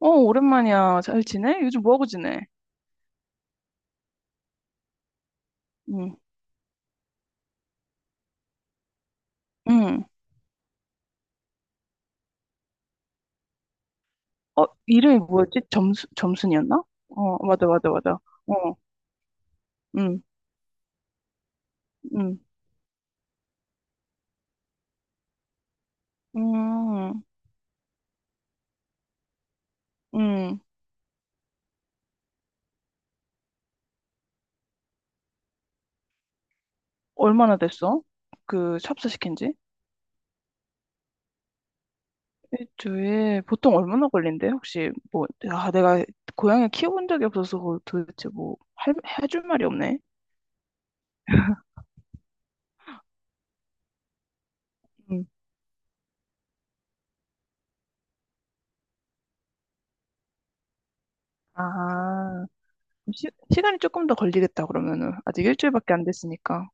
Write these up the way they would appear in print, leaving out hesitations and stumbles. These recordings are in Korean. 어, 오랜만이야. 잘 지내? 요즘 뭐하고 지내? 응, 응. 어, 이름이 뭐였지? 점순이었나? 어, 맞아, 맞아, 맞아. 어, 응, 응, 응, 응. 얼마나 됐어? 그, 찹쌀 시킨 지? 일주일, 보통 얼마나 걸린대? 혹시, 뭐, 아, 내가 고양이 키워본 적이 없어서 도대체 뭐, 해줄 말이 없네. 응. 아, 시, 시간이 조금 더 걸리겠다, 그러면은. 아직 일주일밖에 안 됐으니까.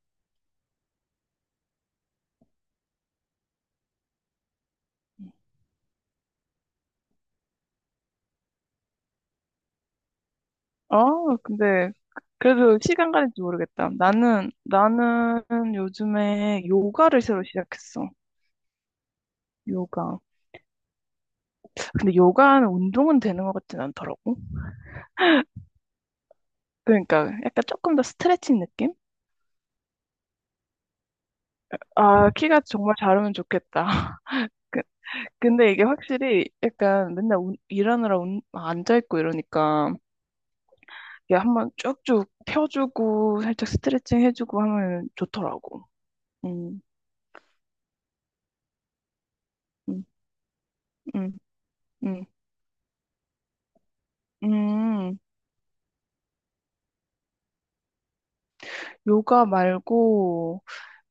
아, 근데 그래도 시간 가는 줄 모르겠다. 나는 요즘에 요가를 새로 시작했어. 요가. 근데 요가는 운동은 되는 것 같진 않더라고. 그러니까 약간 조금 더 스트레칭 느낌? 아, 키가 정말 자르면 좋겠다. 그- 근데 이게 확실히 약간 맨날 일하느라 앉아 있고 이러니까 이게 한번 쭉쭉 펴주고 살짝 스트레칭 해주고 하면 좋더라고. 음, 음, 음, 음. 음, 요가 말고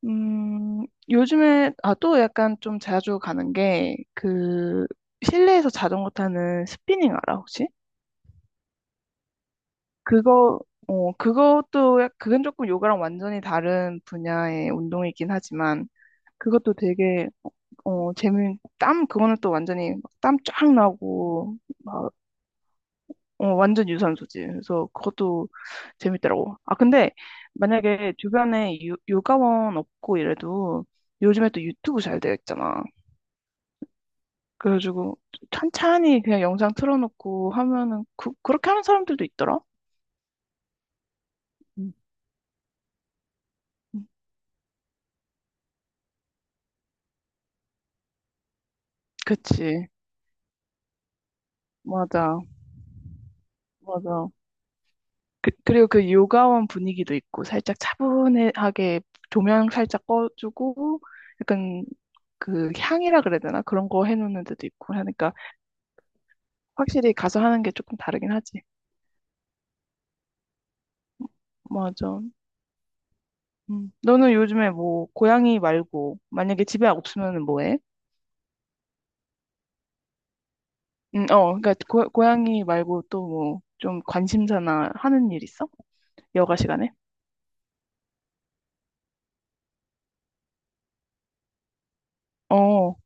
요즘에, 아, 또 약간 좀 자주 가는 게, 그, 실내에서 자전거 타는 스피닝 알아, 혹시? 그거, 어, 그것도, 그건 조금 요가랑 완전히 다른 분야의 운동이긴 하지만, 그것도 되게, 어, 재미, 땀, 그거는 또 완전히 땀 쫙 나고, 막, 어, 완전 유산소지. 그래서 그것도 재밌더라고. 아, 근데 만약에 주변에 요가원 없고 이래도 요즘에 또 유튜브 잘 되어 있잖아. 그래가지고 찬찬히 그냥 영상 틀어놓고 하면은 그렇게 하는 사람들도 있더라. 음. 그치. 맞아. 맞아. 그리고 그 요가원 분위기도 있고 살짝 차분하게 조명 살짝 꺼주고 약간 그 향이라 그래야 되나? 그런 거 해놓는 데도 있고 하니까 확실히 가서 하는 게 조금 다르긴 하지. 맞아. 음. 너는 요즘에 뭐 고양이 말고 만약에 집에 없으면 뭐 해? 어, 그러니까 고양이 말고 또 뭐 좀 관심사나 하는 일 있어? 여가 시간에? 어,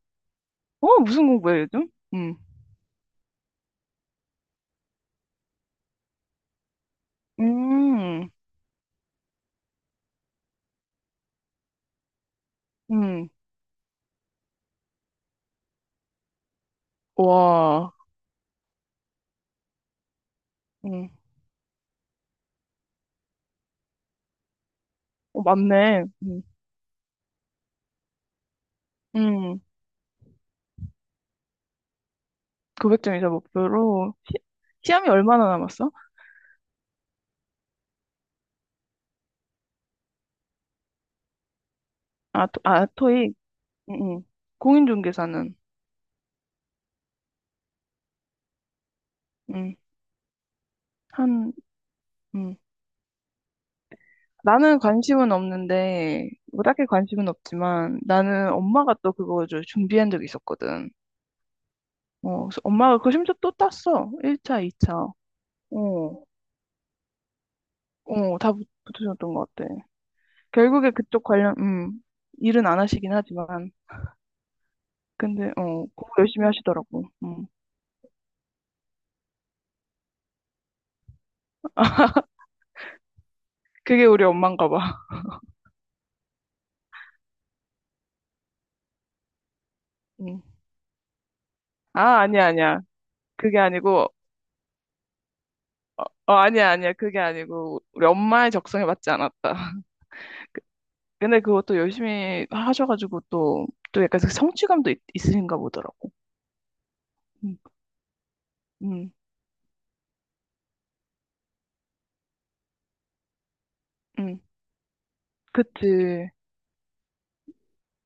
어, 무슨 공부해 요즘? 음, 음, 와, 음, 어, 맞네. 음, 900점이자 목표로 시험이 얼마나 남았어? 아, 토익. 음, 음. 공인중개사는 음, 한, 음. 나는 관심은 없는데, 뭐 딱히 관심은 없지만, 나는 엄마가 또 그거 좀 준비한 적이 있었거든. 어, 그래서 엄마가 그 심지어 또 땄어. 1차, 2차. 어, 어, 다 붙으셨던 것 같아. 결국에 그쪽 관련, 일은 안 하시긴 하지만. 근데, 어, 공부 열심히 하시더라고. 음. 그게 우리 엄마인가 봐. 음. 아, 아니야, 아니야. 그게 아니고, 어, 아니야, 아니야. 그게 아니고, 우리 엄마의 적성에 맞지 않았다. 근데 그것도 열심히 하셔가지고 또, 약간 그 성취감도 있, 으신가 보더라고. 음, 음, 음. 그치.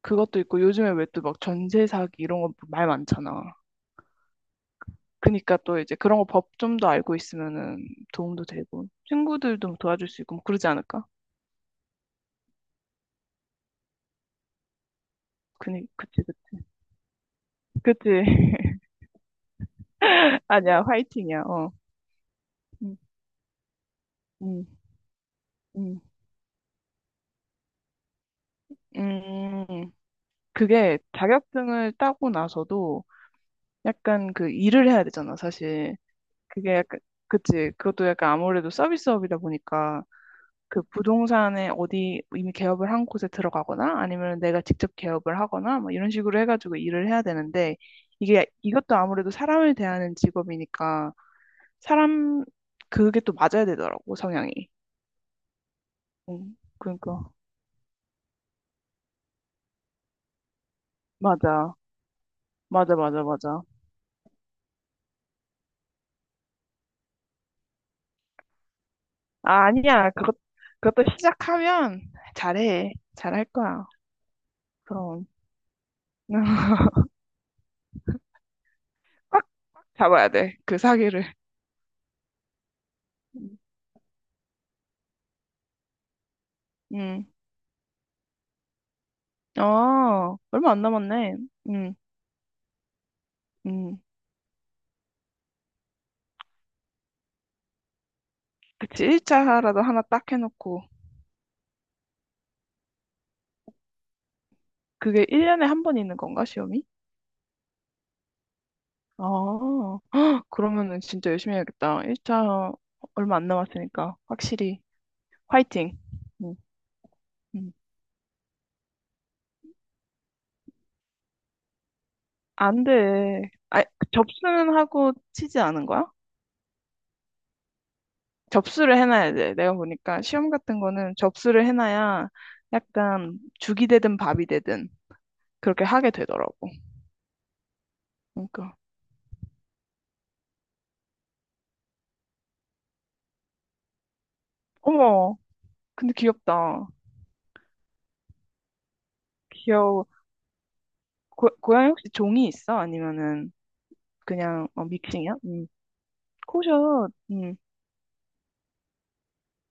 그것도 있고 요즘에 왜 또 막 전세 사기 이런 거 말 많잖아. 그니까 또 이제 그런 거 법 좀 더 알고 있으면은 도움도 되고 친구들도 도와줄 수 있고 뭐 그러지 않을까? 그니 그치 그치 그치. 아니야, 화이팅이야, 어. 음, 음, 음. 음, 그게 자격증을 따고 나서도 약간 그 일을 해야 되잖아, 사실. 그게 약간, 그치. 그것도 약간 아무래도 서비스업이다 보니까 그 부동산에 어디 이미 개업을 한 곳에 들어가거나 아니면 내가 직접 개업을 하거나 뭐 이런 식으로 해가지고 일을 해야 되는데 이게 이것도 아무래도 사람을 대하는 직업이니까 사람 그게 또 맞아야 되더라고 성향이. 응. 그러니까 맞아 맞아 맞아 맞아. 아, 아니야, 그것도 시작하면 잘해 잘할 거야. 그럼. 확 잡아야 돼 그 사기를. 응. 아, 얼마 안 남았네. 응. 응. 그치, 1차라도 하나 딱 해놓고. 그게 1년에 한 번 있는 건가, 시험이? 아, 헉, 그러면은 진짜 열심히 해야겠다. 1차 얼마 안 남았으니까, 확실히. 화이팅! 응, 응. 안 돼. 아, 접수는 하고 치지 않은 거야? 접수를 해놔야 돼. 내가 보니까 시험 같은 거는 접수를 해놔야 약간 죽이 되든 밥이 되든 그렇게 하게 되더라고. 그러니까. 어머, 근데 귀엽다. 귀여워. 고양이 혹시 종이 있어? 아니면은 그냥 어, 믹싱이야? 음. 코숏. 음.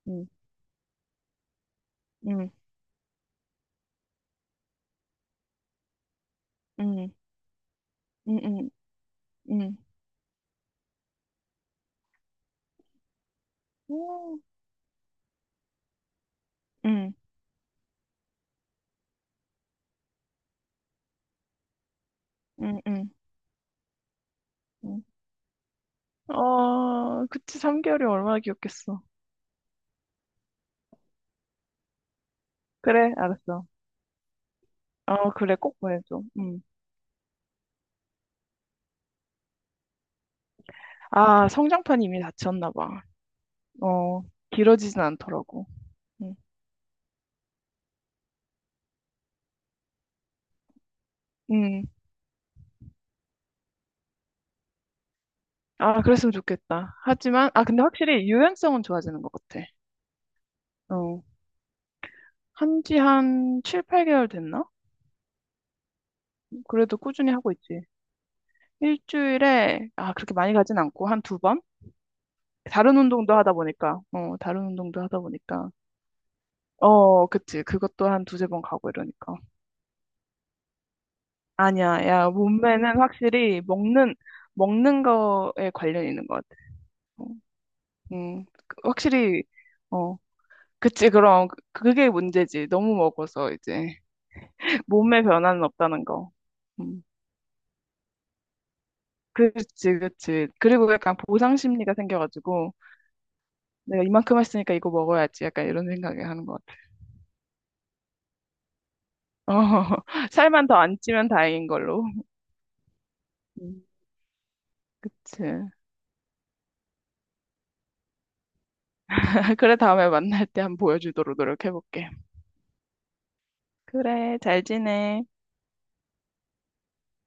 음. 음. 음. 음. 음. 음. 오. 음. 음. 음. 음. 어, 그치. 3개월이 얼마나 귀엽겠어. 그래, 알았어. 어, 그래. 꼭 보내줘. 음. 아, 성장판이 이미 닫혔나 봐. 어, 길어지진 않더라고. 음. 음. 아, 그랬으면 좋겠다. 하지만 아, 근데 확실히 유연성은 좋아지는 것 같아. 어. 한지 한 7, 8개월 됐나? 그래도 꾸준히 하고 있지. 일주일에, 아, 그렇게 많이 가진 않고, 한 두 번? 다른 운동도 하다 보니까, 어, 다른 운동도 하다 보니까. 어, 그치. 그것도 한 두세 번 가고 이러니까. 아니야, 야, 몸매는 확실히 먹는 거에 관련 있는 것 같아. 어, 확실히, 어, 그치. 그럼, 그게 문제지. 너무 먹어서 이제. 몸에 변화는 없다는 거. 음. 그치, 그치. 그리고 약간 보상 심리가 생겨가지고, 내가 이만큼 했으니까 이거 먹어야지. 약간 이런 생각을 하는 것 같아. 어. 살만 더 안 찌면 다행인 걸로. 음, 그치. 그래, 다음에 만날 때 한번 보여주도록 노력해볼게. 그래, 잘 지내.